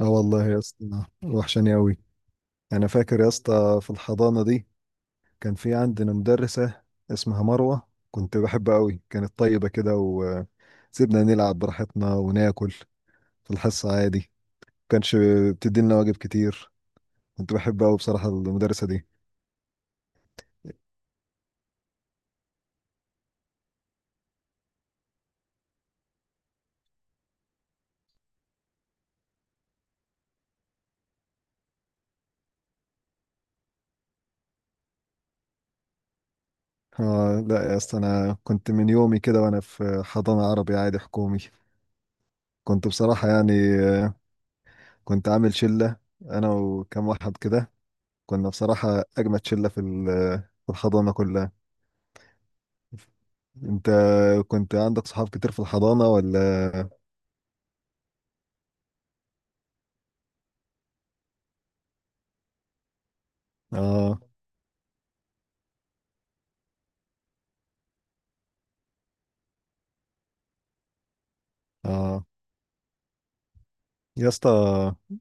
اه والله يا اسطى، وحشاني قوي. انا فاكر يا اسطى في الحضانه دي كان في عندنا مدرسه اسمها مروه، كنت بحبها قوي. كانت طيبه كده وسيبنا نلعب براحتنا وناكل في الحصه عادي، ما كانش بتدينا واجب كتير. كنت بحبها قوي بصراحه المدرسه دي. اه لا يا اسطى، انا كنت من يومي كده وانا في حضانه عربي عادي حكومي. كنت بصراحه يعني، آه، كنت عامل شله انا وكم واحد كده. كنا بصراحه اجمد شله في الحضانه كلها. انت كنت عندك صحاب كتير في الحضانة ولا؟ اه. اه يا اسطى،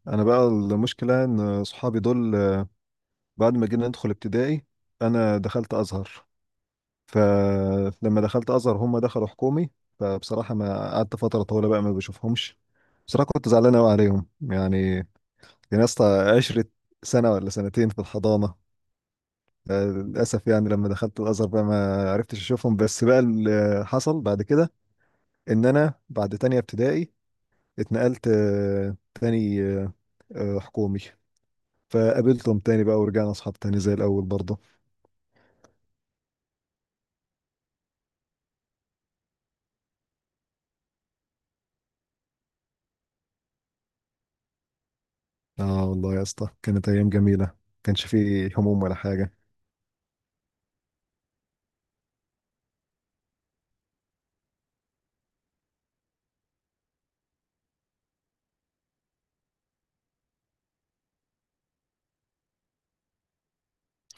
انا بقى المشكلة ان صحابي دول بعد ما جينا ندخل ابتدائي انا دخلت ازهر، فلما دخلت ازهر هم دخلوا حكومي. فبصراحة ما قعدت فترة طويلة بقى ما بشوفهمش. بصراحة كنت زعلان قوي عليهم يعني. كان يا اسطى 10 سنة ولا سنتين في الحضانة. للأسف يعني لما دخلت الأزهر بقى ما عرفتش أشوفهم. بس بقى اللي حصل بعد كده إن أنا بعد تانية ابتدائي اتنقلت تاني حكومي. فقابلتهم تاني بقى ورجعنا اصحاب تاني زي الاول برضه. اه والله يا اسطى، كانت ايام جميله، كانش فيه هموم ولا حاجه.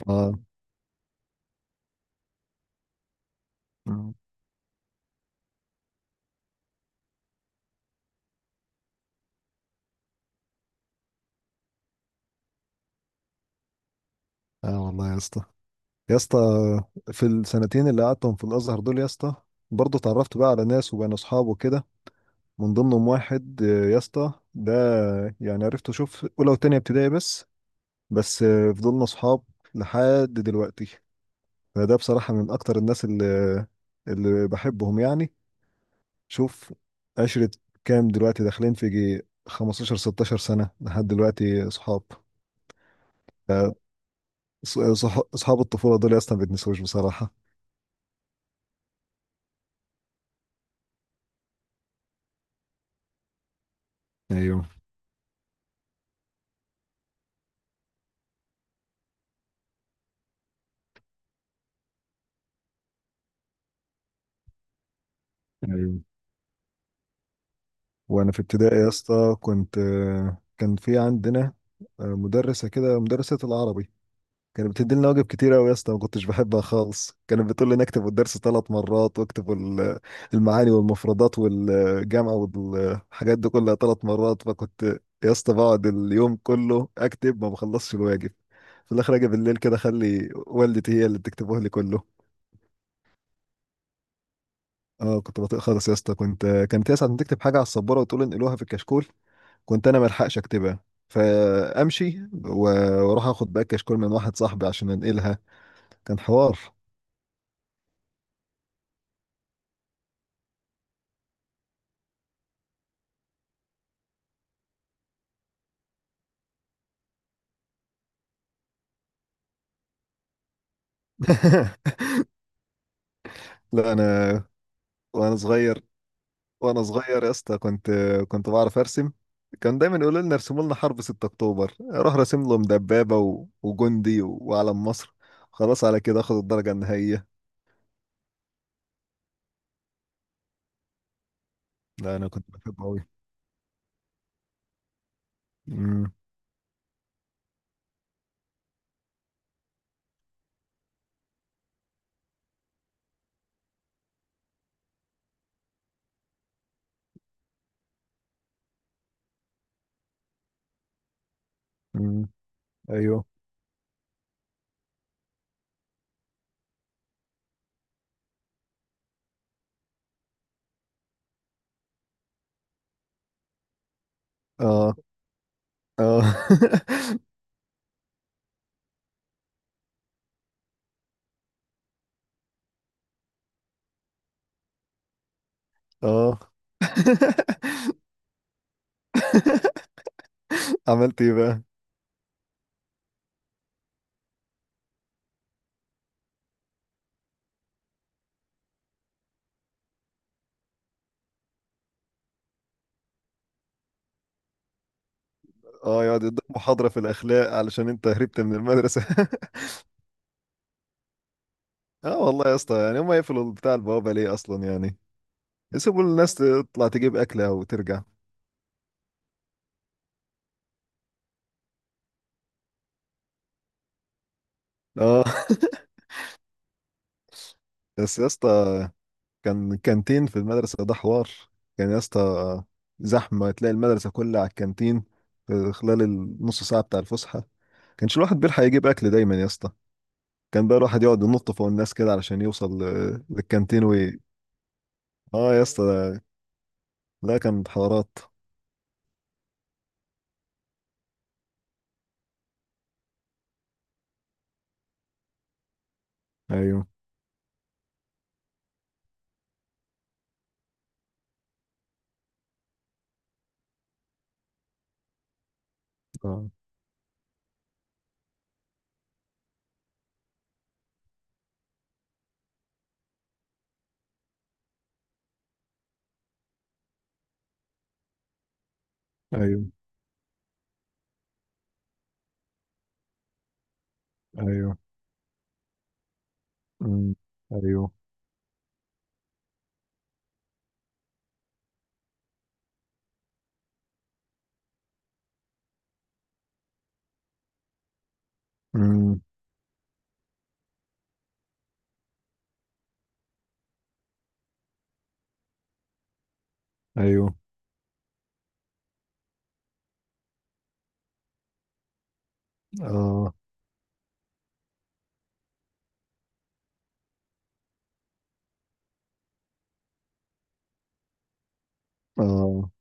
اه. اه. آه والله يا اسطى. يا اسطى في السنتين اللي قعدتهم في الازهر دول يا اسطى، برضه اتعرفت بقى على ناس وبقينا اصحاب وكده. من ضمنهم واحد، يا اسطى ده يعني عرفته شوف اولى وتانية ابتدائي بس، بس فضلنا اصحاب لحد دلوقتي. فده بصراحة من أكتر الناس اللي بحبهم يعني. شوف عشرة كام دلوقتي، داخلين في جي 15 16 سنة لحد دلوقتي صحاب. آه، صحاب الطفولة دول يا اسطى ما بيتنسوش بصراحة. ايوه. ايوه. وأنا في ابتدائي يا اسطى كان في عندنا، مدرسة كده، مدرسة العربي. كانت بتديلنا واجب كتير قوي يا اسطى، ما كنتش بحبها خالص. كانت بتقول لي نكتب الدرس 3 مرات واكتب المعاني والمفردات والجامعه والحاجات دي كلها 3 مرات. فكنت يا اسطى بقعد اليوم كله اكتب، ما بخلصش الواجب. في الاخر اجي بالليل كده اخلي والدتي هي اللي تكتبه لي كله. اه كنت بطيء خالص يا اسطى، كانت هي ساعه ما تكتب حاجه على السبوره وتقول انقلوها في الكشكول كنت انا ما الحقش اكتبها فامشي واروح اخد بقى الكشكول من واحد صاحبي عشان انقلها. كان حوار. لا انا. وانا صغير وانا صغير يا اسطى كنت بعرف ارسم. كان دايما يقولوا لنا ارسموا لنا حرب 6 اكتوبر، اروح راسم لهم دبابه و... وجندي و... وعلم مصر، خلاص على كده اخد الدرجه النهائيه. لا انا كنت بحبه قوي. امم. امم. ايوه. اه. اه. اه. عملت ايه بقى؟ اه يقعد يديك محاضره في الاخلاق علشان انت هربت من المدرسه. اه والله يا اسطى، يعني هم يقفلوا بتاع البوابه ليه اصلا يعني؟ يسيبوا الناس تطلع تجيب اكلها وترجع. اه. بس يا اسطى كان كانتين في المدرسة، ده حوار. كان يا اسطى زحمة، تلاقي المدرسة كلها على الكانتين في خلال النص ساعة بتاع الفسحة. كانش الواحد بيلحق يجيب أكل دايما يا اسطى. كان بقى الواحد يقعد ينط فوق الناس كده علشان يوصل للكانتين اه يا اسطى لا كانت حوارات. ايوه. اه. ايوه. ايوه. امم. ايوه. امم. ايوه. اه. اه.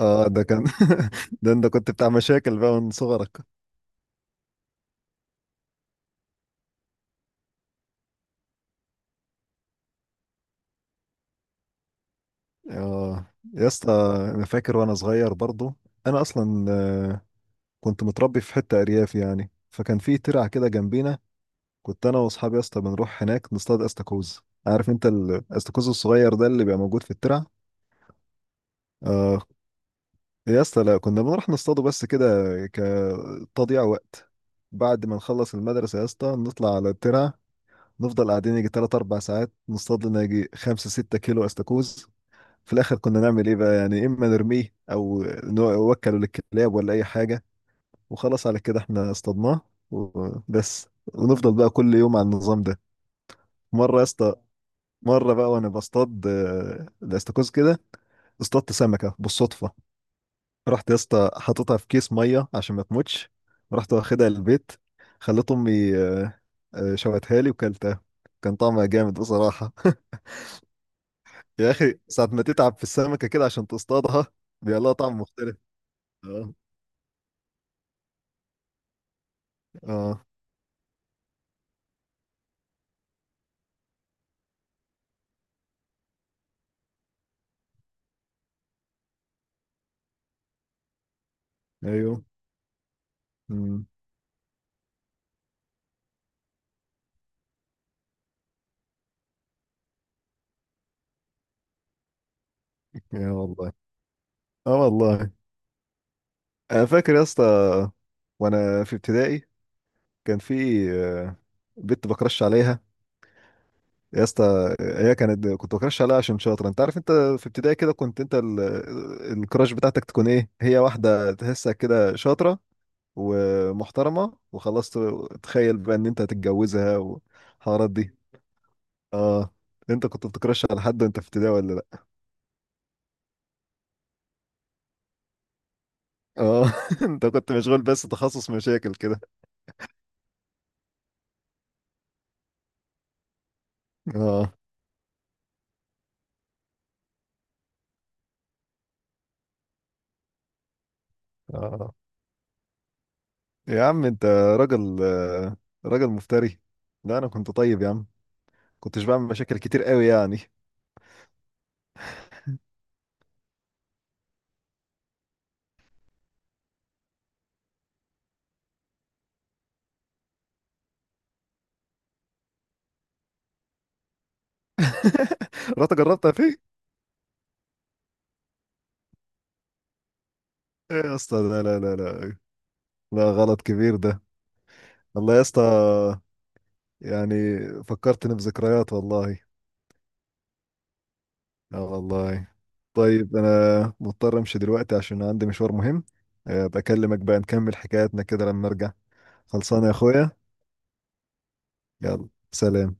اه ده كان ده انت كنت بتاع مشاكل بقى من صغرك. اه يا اسطى، انا فاكر وانا صغير برضو. انا اصلا كنت متربي في حته ارياف يعني. فكان في ترعه كده جنبينا. كنت انا واصحابي يا اسطى بنروح هناك نصطاد استاكوز. عارف انت الاستاكوز الصغير ده اللي بيبقى موجود في الترع. اه يا اسطى، لا كنا بنروح نصطاده بس كده، كتضييع وقت. بعد ما نخلص المدرسه يا اسطى نطلع على الترع، نفضل قاعدين يجي 3 4 ساعات نصطاد لنا يجي 5 6 كيلو استاكوز. في الاخر كنا نعمل ايه بقى يعني؟ اما نرميه او نوكله للكلاب ولا اي حاجه. وخلاص على كده احنا اصطادناه، وبس. ونفضل بقى كل يوم على النظام ده. مره يا اسطى، مره بقى وانا بصطاد الاستاكوز كده، اصطدت سمكه بالصدفه. رحت يا اسطى حاططها في كيس ميه عشان ما تموتش. رحت واخدها البيت، خلت امي شوتها لي وكلتها. كان طعمها جامد بصراحه. يا اخي ساعه ما تتعب في السمكه كده عشان تصطادها بيبقى لها طعم مختلف. آه. اه. ايوه. امم. يا والله. اه والله. انا فاكر يا اسطى وانا في ابتدائي كان في آه، بنت بكرش عليها. يا اسطى هي كانت كنت بكرش عليها عشان شاطره. انت عارف انت في ابتدائي كده كنت انت الكراش بتاعتك تكون ايه، هي واحده تحسها كده شاطره ومحترمه وخلاص تخيل بقى ان انت هتتجوزها والحوارات دي. اه. انت كنت بتكرش على حد وانت في ابتدائي ولا لا؟ اه. انت كنت مشغول بس تخصص مشاكل كده. اه. اه يا عم انت راجل، راجل مفتري. لا انا كنت طيب يا عم، كنتش بعمل مشاكل كتير قوي يعني. رحت جربتها فيه. ايه يا اسطى؟ لا لا لا لا، لا غلط كبير ده. والله يا اسطى، يعني فكرتني بذكريات، والله. اه والله. طيب انا مضطر امشي دلوقتي عشان عندي مشوار مهم. بكلمك بقى نكمل حكاياتنا كده لما ارجع. خلصانه يا اخويا، يلا سلام.